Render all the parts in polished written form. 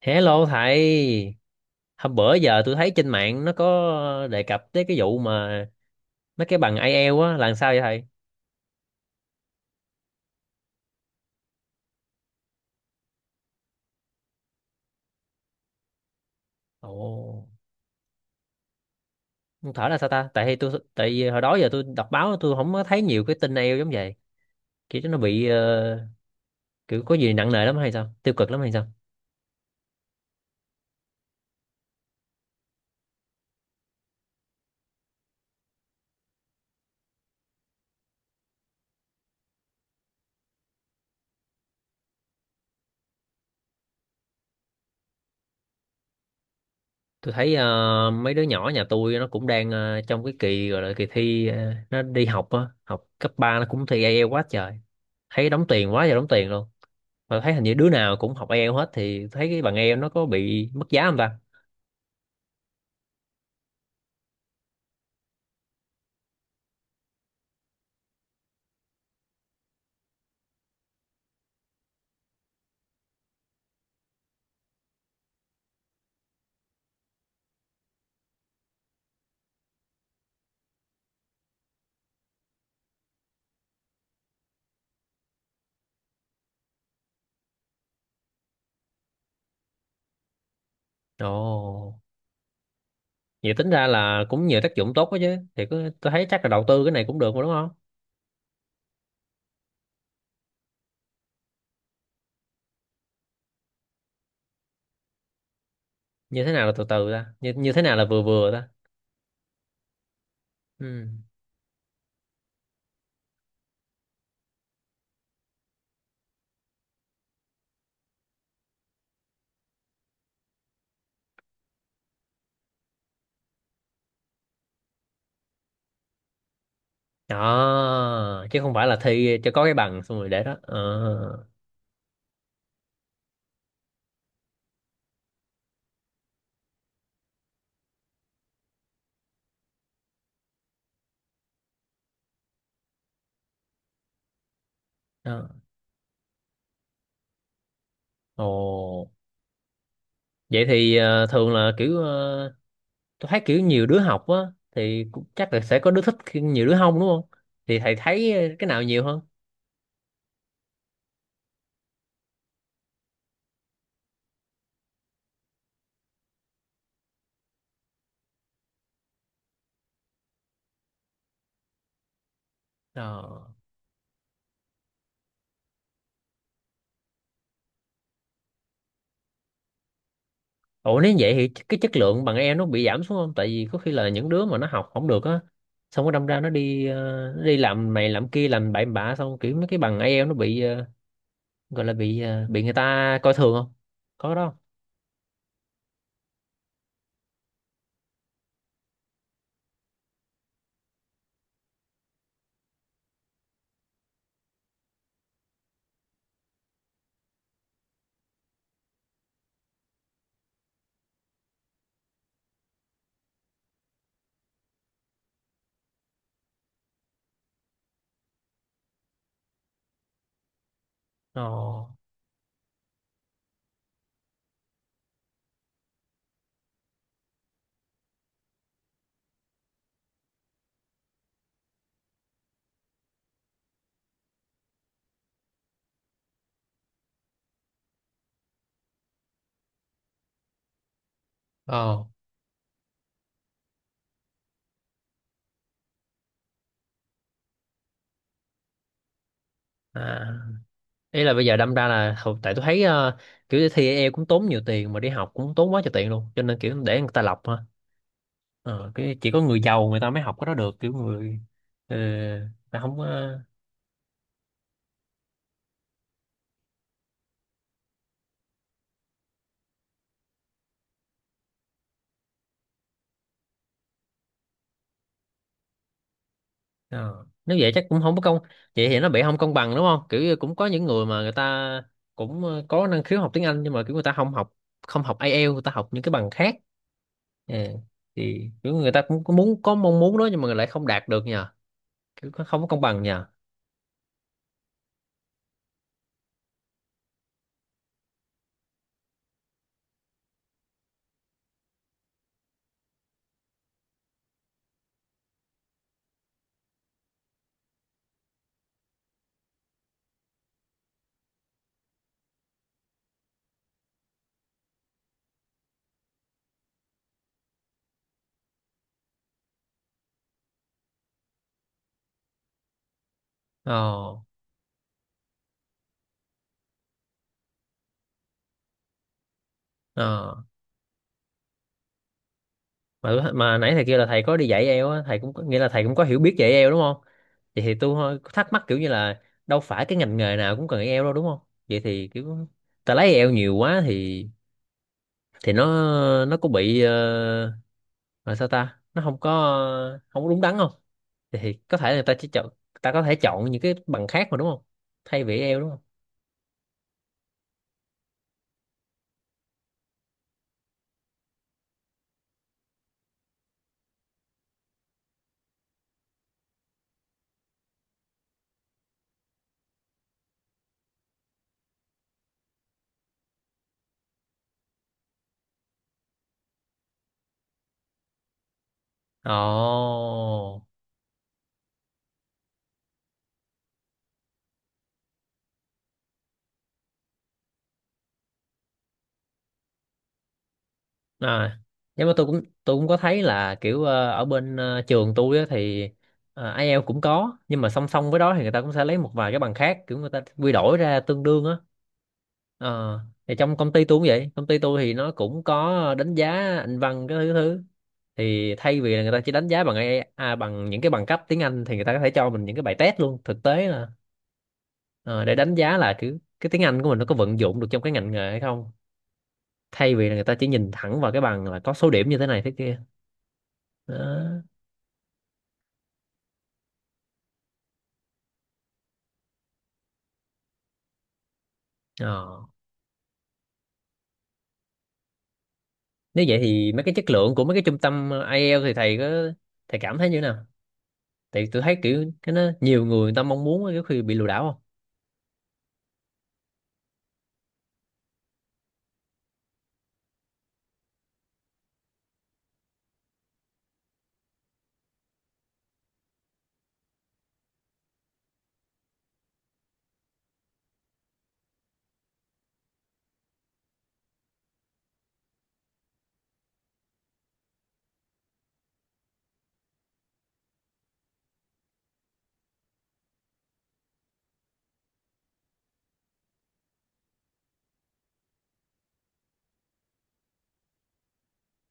Hello thầy, hôm bữa giờ tôi thấy trên mạng nó có đề cập tới cái vụ mà mấy cái bằng IELTS á là làm sao vậy thầy? Ồ, không thở là sao ta? Tại tôi tại vì hồi đó giờ tôi đọc báo tôi không có thấy nhiều cái tin IELTS giống vậy. Kiểu nó bị kiểu có gì nặng nề lắm hay sao? Tiêu cực lắm hay sao? Tôi thấy mấy đứa nhỏ nhà tôi nó cũng đang trong cái kỳ gọi là kỳ thi nó đi học á, học cấp 3 nó cũng thi IELTS quá trời. Thấy đóng tiền quá giờ đóng tiền luôn, mà thấy hình như đứa nào cũng học ai eo hết, thì thấy cái bằng ai eo nó có bị mất giá không ta? Ồ, vậy tính ra là cũng nhiều tác dụng tốt quá chứ, thì cứ tôi thấy chắc là đầu tư cái này cũng được mà, đúng không? Như thế nào là từ từ ta, như thế nào là vừa vừa ta? Ừ, đó chứ không phải là thi cho có cái bằng xong rồi để đó ờ. Đó. Ồ, vậy thì thường là kiểu tôi thấy kiểu nhiều đứa học á thì cũng chắc là sẽ có đứa thích khi nhiều đứa không, đúng không? Thì thầy thấy cái nào nhiều hơn? Ờ. Ủa, nếu vậy thì cái chất lượng bằng em nó bị giảm xuống không? Tại vì có khi là những đứa mà nó học không được á, xong nó đâm ra nó đi nó đi làm này làm kia làm bậy bạ, xong kiểu mấy cái bằng IELTS nó bị gọi là bị bị người ta coi thường không? Có cái đó không? Ồ. Ồ. À. Ý là bây giờ đâm ra là tại tôi thấy kiểu thi IELTS cũng tốn nhiều tiền mà đi học cũng tốn quá trời tiền luôn, cho nên kiểu để người ta lọc ha. Ờ, cái chỉ có người giàu người ta mới học cái đó được, kiểu người không có. Ờ. Nếu vậy chắc cũng không có công, vậy thì nó bị không công bằng đúng không, kiểu như cũng có những người mà người ta cũng có năng khiếu học tiếng Anh nhưng mà kiểu người ta không học IELTS, người ta học những cái bằng khác. Ờ. Thì kiểu người ta cũng có muốn có mong muốn đó nhưng mà lại không đạt được nhờ, kiểu không có công bằng nhờ. Ờ. Ờ. Mà nãy thầy kêu là thầy có đi dạy IELTS á, thầy cũng nghĩa là thầy cũng có hiểu biết về IELTS, đúng không? Vậy thì tôi hơi thắc mắc kiểu như là đâu phải cái ngành nghề nào cũng cần IELTS đâu, đúng không? Vậy thì kiểu ta lấy IELTS nhiều quá thì thì nó nó có bị là sao ta, nó không có không có đúng đắn không? Thì có thể là ta chỉ chọn, ta có thể chọn những cái bằng khác mà, đúng không? Thay vì eo, đúng không? Ồ. À, nhưng mà tôi cũng có thấy là kiểu ở bên trường tôi á, thì IELTS cũng có nhưng mà song song với đó thì người ta cũng sẽ lấy một vài cái bằng khác kiểu người ta quy đổi ra tương đương á. Ờ, thì trong công ty tôi cũng vậy, công ty tôi thì nó cũng có đánh giá anh văn cái thứ thứ thì thay vì là người ta chỉ đánh giá bằng AI, à, bằng những cái bằng cấp tiếng Anh thì người ta có thể cho mình những cái bài test luôn, thực tế là ờ, để đánh giá là kiểu cái tiếng Anh của mình nó có vận dụng được trong cái ngành nghề hay không, thay vì là người ta chỉ nhìn thẳng vào cái bằng là có số điểm như thế này thế kia. Đó. Ờ. Nếu vậy thì mấy cái chất lượng của mấy cái trung tâm IELTS thì thầy cảm thấy như thế nào? Tại tôi thấy kiểu cái nó nhiều người người ta mong muốn cái khi bị lừa đảo không?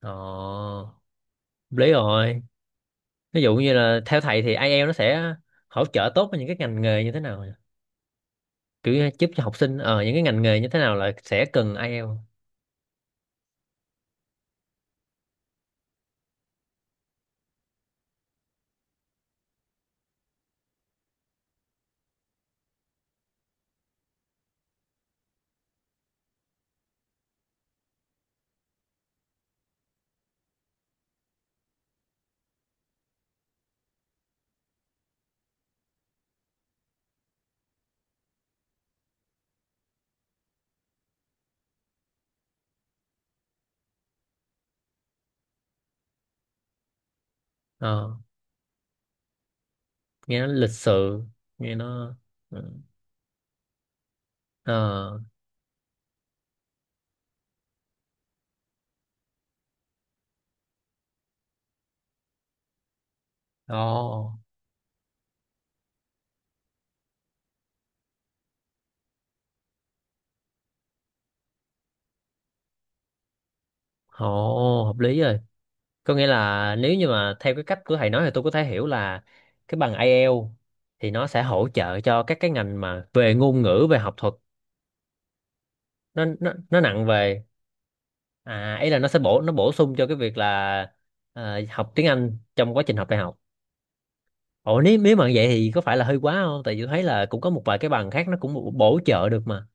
Ờ, lý rồi. Ví dụ như là theo thầy thì IELTS nó sẽ hỗ trợ tốt với những cái ngành nghề như thế nào nhỉ? Kiểu như giúp cho học sinh ờ những cái ngành nghề như thế nào là sẽ cần IELTS. Ờ. Nghe nó lịch sự. Nghe nó. Ừ. Ờ. Ờ. Ồ. Ồ, hợp lý rồi. Có nghĩa là nếu như mà theo cái cách của thầy nói thì tôi có thể hiểu là cái bằng IELTS thì nó sẽ hỗ trợ cho các cái ngành mà về ngôn ngữ, về học thuật. Nó nặng về, à ý là nó sẽ nó bổ sung cho cái việc là học tiếng Anh trong quá trình học đại học. Ồ, nếu nếu mà vậy thì có phải là hơi quá không? Tại vì tôi thấy là cũng có một vài cái bằng khác nó cũng bổ bổ trợ được mà.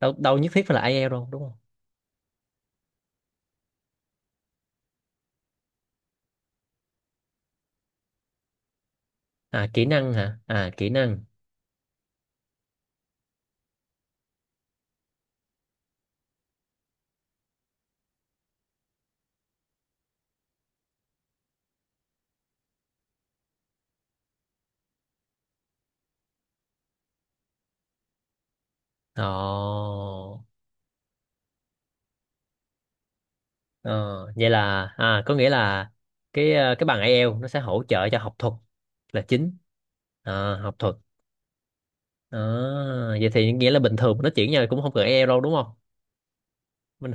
Đâu đâu nhất thiết phải là IELTS đâu, đúng không? À, kỹ năng hả? À, kỹ năng. Ồ. Ờ, vậy là à, có nghĩa là cái cái bằng ai eo nó sẽ hỗ trợ cho học thuật là chính. À, học thuật. À, vậy thì nghĩa là bình thường nó chuyển nhau cũng không cần ai eo đâu, đúng không? Mình.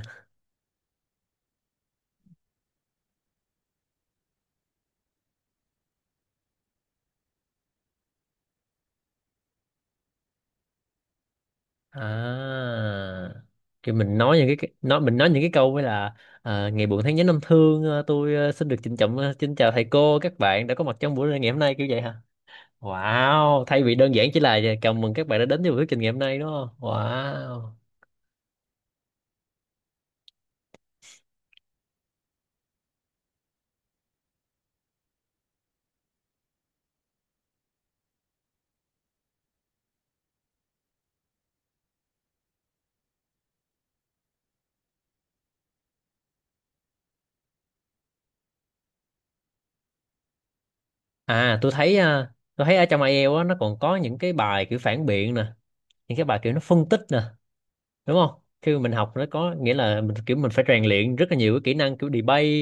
À, thì mình nói những cái câu với là à, ngày buồn tháng nhớ năm thương tôi xin được trịnh trọng xin chào thầy cô các bạn đã có mặt trong buổi ngày hôm nay kiểu vậy hả? Wow, thay vì đơn giản chỉ là chào mừng các bạn đã đến với buổi thuyết trình ngày hôm nay, đúng không? Wow. À tôi thấy tôi thấy ở trong IELTS á nó còn có những cái bài kiểu phản biện nè, những cái bài kiểu nó phân tích nè, đúng không? Khi mà mình học nó có nghĩa là mình kiểu mình phải rèn luyện rất là nhiều cái kỹ năng kiểu debate,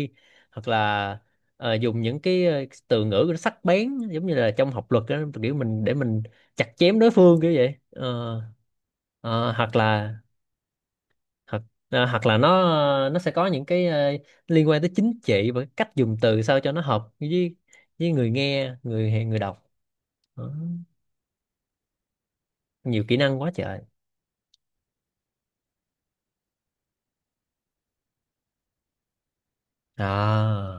hoặc là dùng những cái từ ngữ nó sắc bén giống như là trong học luật á, kiểu mình để mình chặt chém đối phương kiểu vậy. Ờ. ờ, hoặc là hoặc Hoặc là nó sẽ có những cái liên quan tới chính trị và cách dùng từ sao cho nó hợp với người nghe, người người đọc. Đó. Nhiều kỹ năng quá trời. À.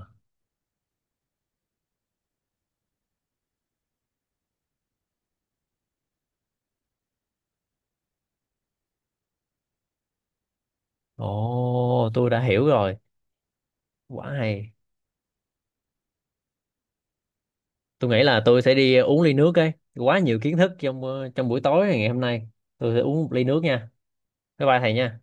Ồ, tôi đã hiểu rồi. Quá hay. Tôi nghĩ là tôi sẽ đi uống ly nước ấy, quá nhiều kiến thức trong trong buổi tối ngày hôm nay. Tôi sẽ uống một ly nước nha. Bye bye thầy nha.